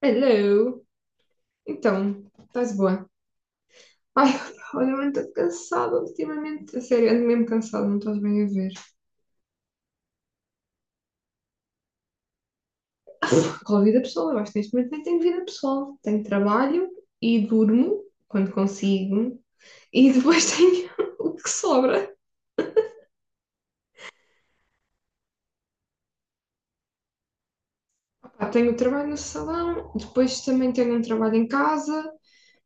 Hello! Então, estás boa? Ai, olha, eu estou cansada ultimamente. A sério, ando mesmo cansada, não estás bem a ver. Qual vida pessoal? Eu acho que neste momento nem tenho vida pessoal. Tenho trabalho e durmo quando consigo. E depois tenho o que sobra. Pá, tenho o trabalho no salão, depois também tenho um trabalho em casa.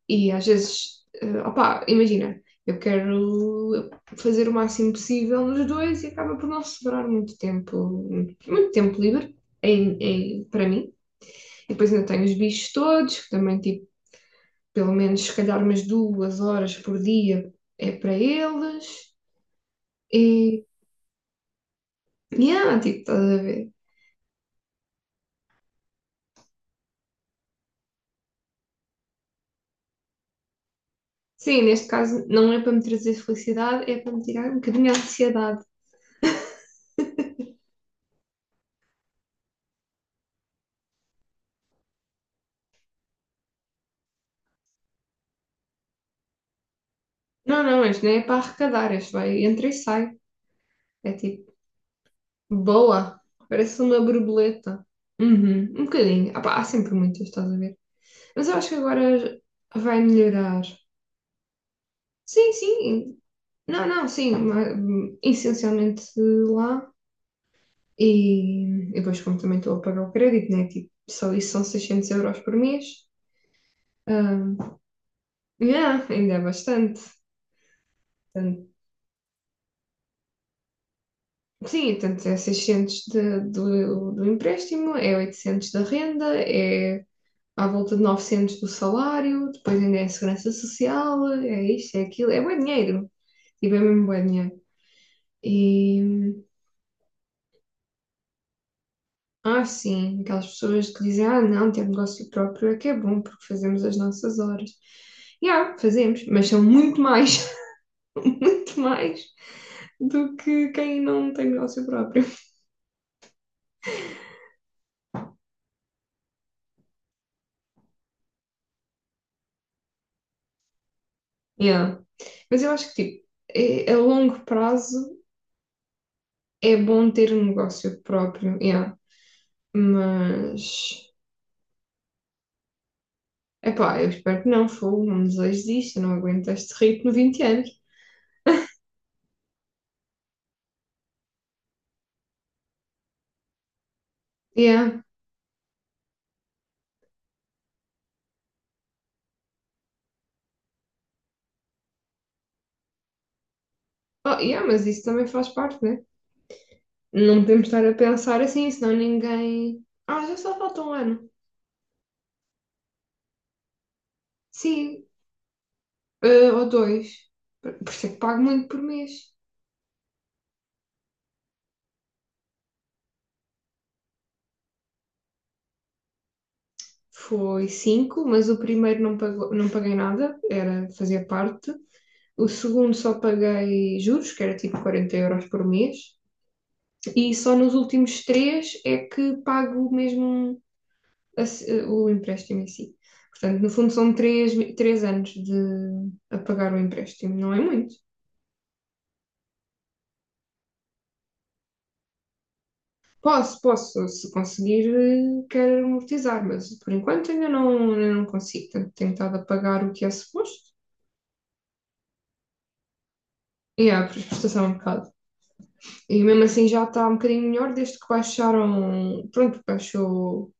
E às vezes, opá, imagina, eu quero fazer o máximo possível nos dois e acaba por não sobrar muito tempo livre em, para mim. E depois ainda tenho os bichos todos, que também, tipo, pelo menos se calhar umas 2 horas por dia é para eles. E, yeah, tipo, estás a ver? Sim, neste caso não é para me trazer felicidade, é para me tirar um bocadinho a ansiedade. Não, não, este não é para arrecadar, este vai, entra e sai. É tipo, boa. Parece uma borboleta. Uhum, um bocadinho. Ah, pá, há sempre muitas, estás a ver? Mas eu acho que agora vai melhorar. Sim, sim. Não, não, sim. Essencialmente lá. E depois, como também estou a pagar o crédito, né? Tipo, só isso são 600 euros por mês. Ah, yeah, ainda é bastante. Portanto, sim, tanto é 600 do empréstimo, é 800 da renda, é à volta de 900 do salário, depois ainda é segurança social, é isto, é aquilo, é bom dinheiro, tipo, é mesmo bom dinheiro. E, ah, sim, aquelas pessoas que dizem, ah, não, ter negócio próprio é que é bom, porque fazemos as nossas horas. E, ah, fazemos, mas são muito mais, muito mais do que quem não tem negócio próprio. Yeah. Mas eu acho que, tipo, a longo prazo é bom ter um negócio próprio, yeah. Mas epá, eu espero que não, fogo, não desejo isto, eu não aguento este ritmo 20 anos. Yeah. Oh, yeah, mas isso também faz parte, né? Não podemos estar a pensar assim, senão ninguém. Ah, já só falta um ano. Sim, ou dois. Por isso é que pago muito por mês. Foi cinco, mas o primeiro não, pagou, não paguei nada, era fazer parte. O segundo só paguei juros, que era tipo 40 euros por mês. E só nos últimos três é que pago mesmo a se- o empréstimo em si. Portanto, no fundo são três anos de a pagar o empréstimo, não é muito. Posso, posso, se conseguir, quero amortizar, mas por enquanto ainda não consigo. Portanto, tenho estado a pagar o que é suposto. E a prestação é um bocado. E mesmo assim já está um bocadinho melhor desde que baixaram. Pronto, baixou.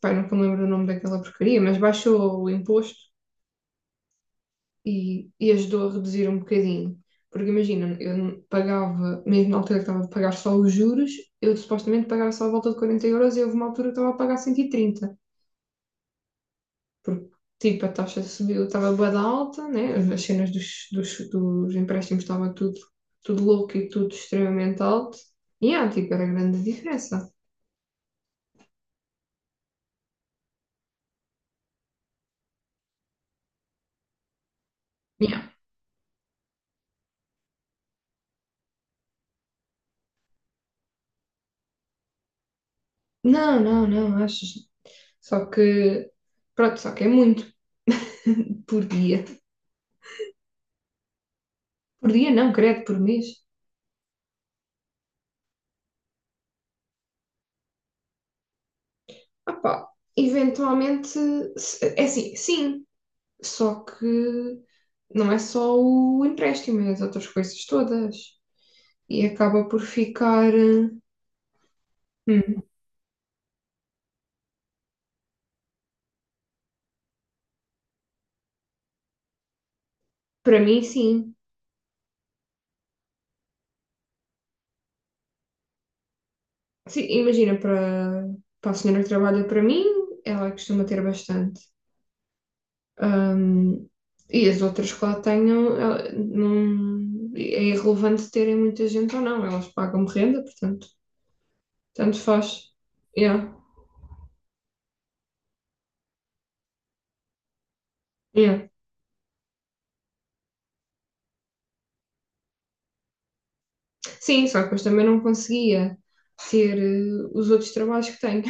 Pai, nunca me lembro o nome daquela porcaria, mas baixou o imposto e ajudou a reduzir um bocadinho. Porque imagina, eu não pagava, mesmo na altura que estava a pagar só os juros, eu supostamente pagava só a volta de 40 euros e houve uma altura que estava a pagar 130 porque tipo a taxa subiu, estava bué da alta, né? As cenas dos empréstimos estavam tudo, tudo louco e tudo extremamente alto. E yeah, tipo, era grande a diferença. Yeah. Não, não, não, achas? Só que, pronto, só que é muito por dia. Por dia não, credo, por mês. Opá, eventualmente, é assim, sim, só que não é só o empréstimo, é as outras coisas todas. E acaba por ficar. Hum, para mim, sim. Sim, imagina, para a senhora que trabalha para mim, ela costuma ter bastante. Hum, e as outras que lá tenham, não, é irrelevante terem muita gente ou não, elas pagam renda, portanto, tanto faz. Yeah, yeah. Sim, só que depois também não conseguia ter os outros trabalhos que tenho,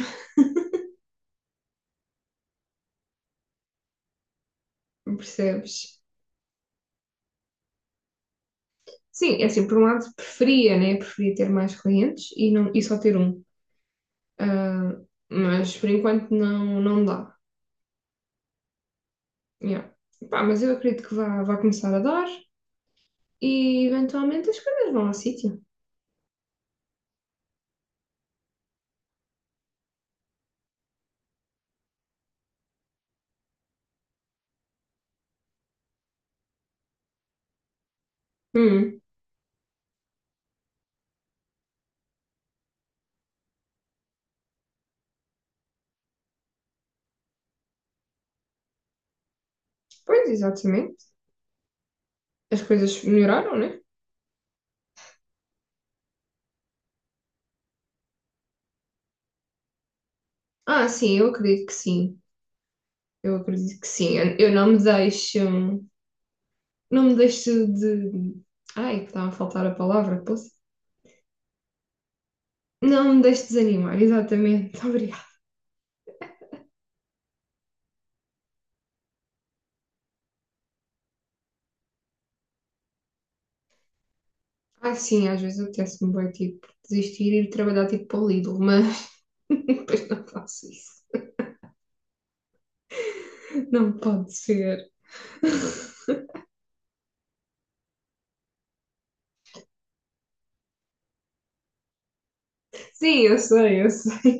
percebes? Sim, é assim, por um lado preferia, né? Preferia ter mais clientes e, não, e só ter um. Ah, mas por enquanto não, não dá. Yeah. Pá, mas eu acredito que vá começar a dar e eventualmente as coisas vão ao sítio. Hum, pois, exatamente. As coisas melhoraram, né? Ah, sim, eu acredito que sim. Eu acredito que sim. Eu não me deixo. Não me deixe de. Ai, estava a faltar a palavra, posso? Não me deixe desanimar, exatamente. Obrigada. Ah, sim, às vezes apetece-me bem, tipo, desistir e ir trabalhar, tipo, para o Lidl, mas depois não faço isso. Não pode ser. Sim, eu sei, eu sei.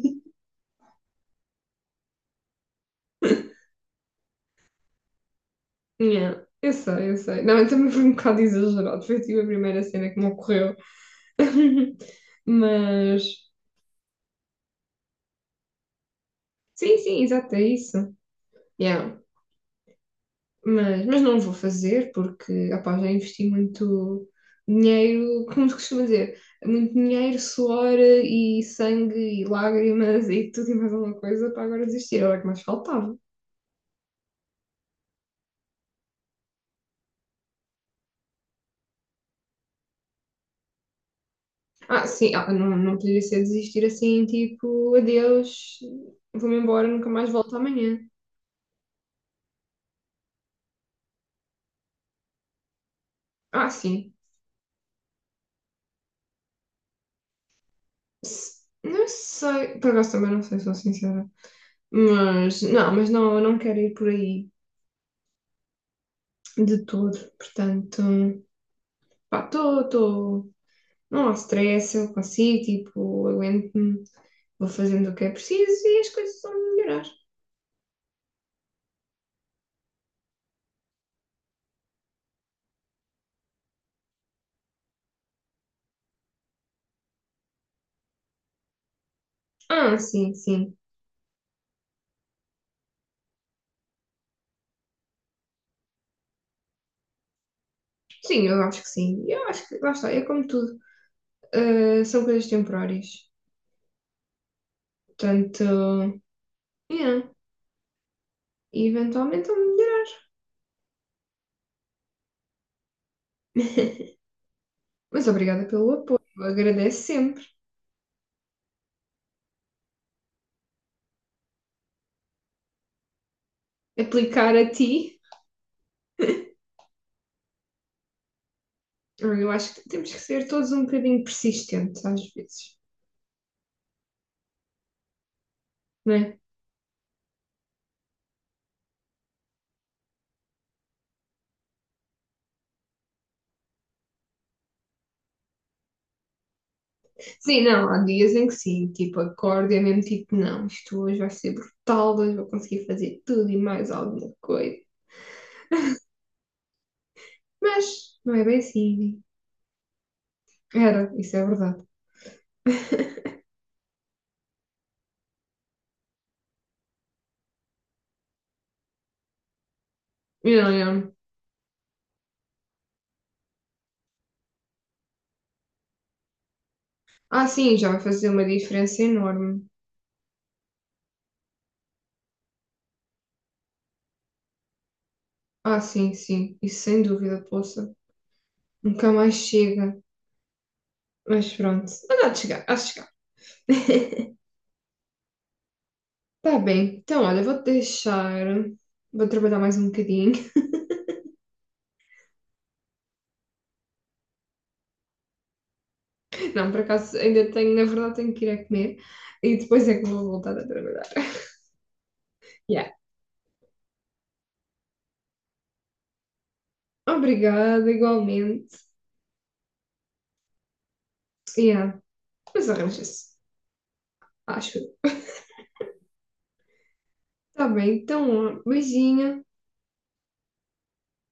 Yeah, eu sei, eu sei. Não, eu também fui um bocado exagerado. Foi tipo a primeira cena que me ocorreu. Mas, sim, sim, exato, é isso. Yeah. Mas não vou fazer porque, opá, já investi muito dinheiro, como se costuma dizer, muito dinheiro, suor e sangue e lágrimas e tudo e mais alguma coisa para agora desistir, era o que mais faltava. Ah, sim, ah, não, não poderia ser desistir assim, tipo, adeus, vou-me embora, nunca mais volto amanhã. Ah, sim, não sei, por acaso também não sei, sou sincera. Mas não, eu não quero ir por aí de todo, portanto, pá, estou. Não há stress, eu consigo, tipo, aguento-me, vou fazendo o que é preciso e as coisas vão melhorar. Ah, sim, sim. Sim, eu acho que sim. Eu acho que, lá está, é como tudo. Ah, são coisas temporárias. Portanto, yeah, e eventualmente vão melhorar. Mas obrigada pelo apoio, eu agradeço sempre. Aplicar a ti, eu acho que temos que ser todos um bocadinho persistentes às vezes, não é? Sim, não, há dias em que sim, tipo, acordo e é mesmo tipo, não, isto hoje vai ser brutal, hoje vou conseguir fazer tudo e mais alguma coisa. Mas não é bem assim. Né? Era, isso é verdade. Eu não lembro. Ah, sim, já vai fazer uma diferença enorme. Ah, sim, sim, isso sem dúvida, poça. Nunca mais chega. Mas pronto, mas há de chegar, há de chegar. Tá bem, então olha, vou-te deixar. Vou trabalhar mais um bocadinho. Não, por acaso ainda tenho, na verdade, tenho que ir a comer e depois é que vou voltar a trabalhar. Yeah. Obrigada, igualmente. Yeah, mas arranja-se, acho. Está bem, então, ó, beijinho.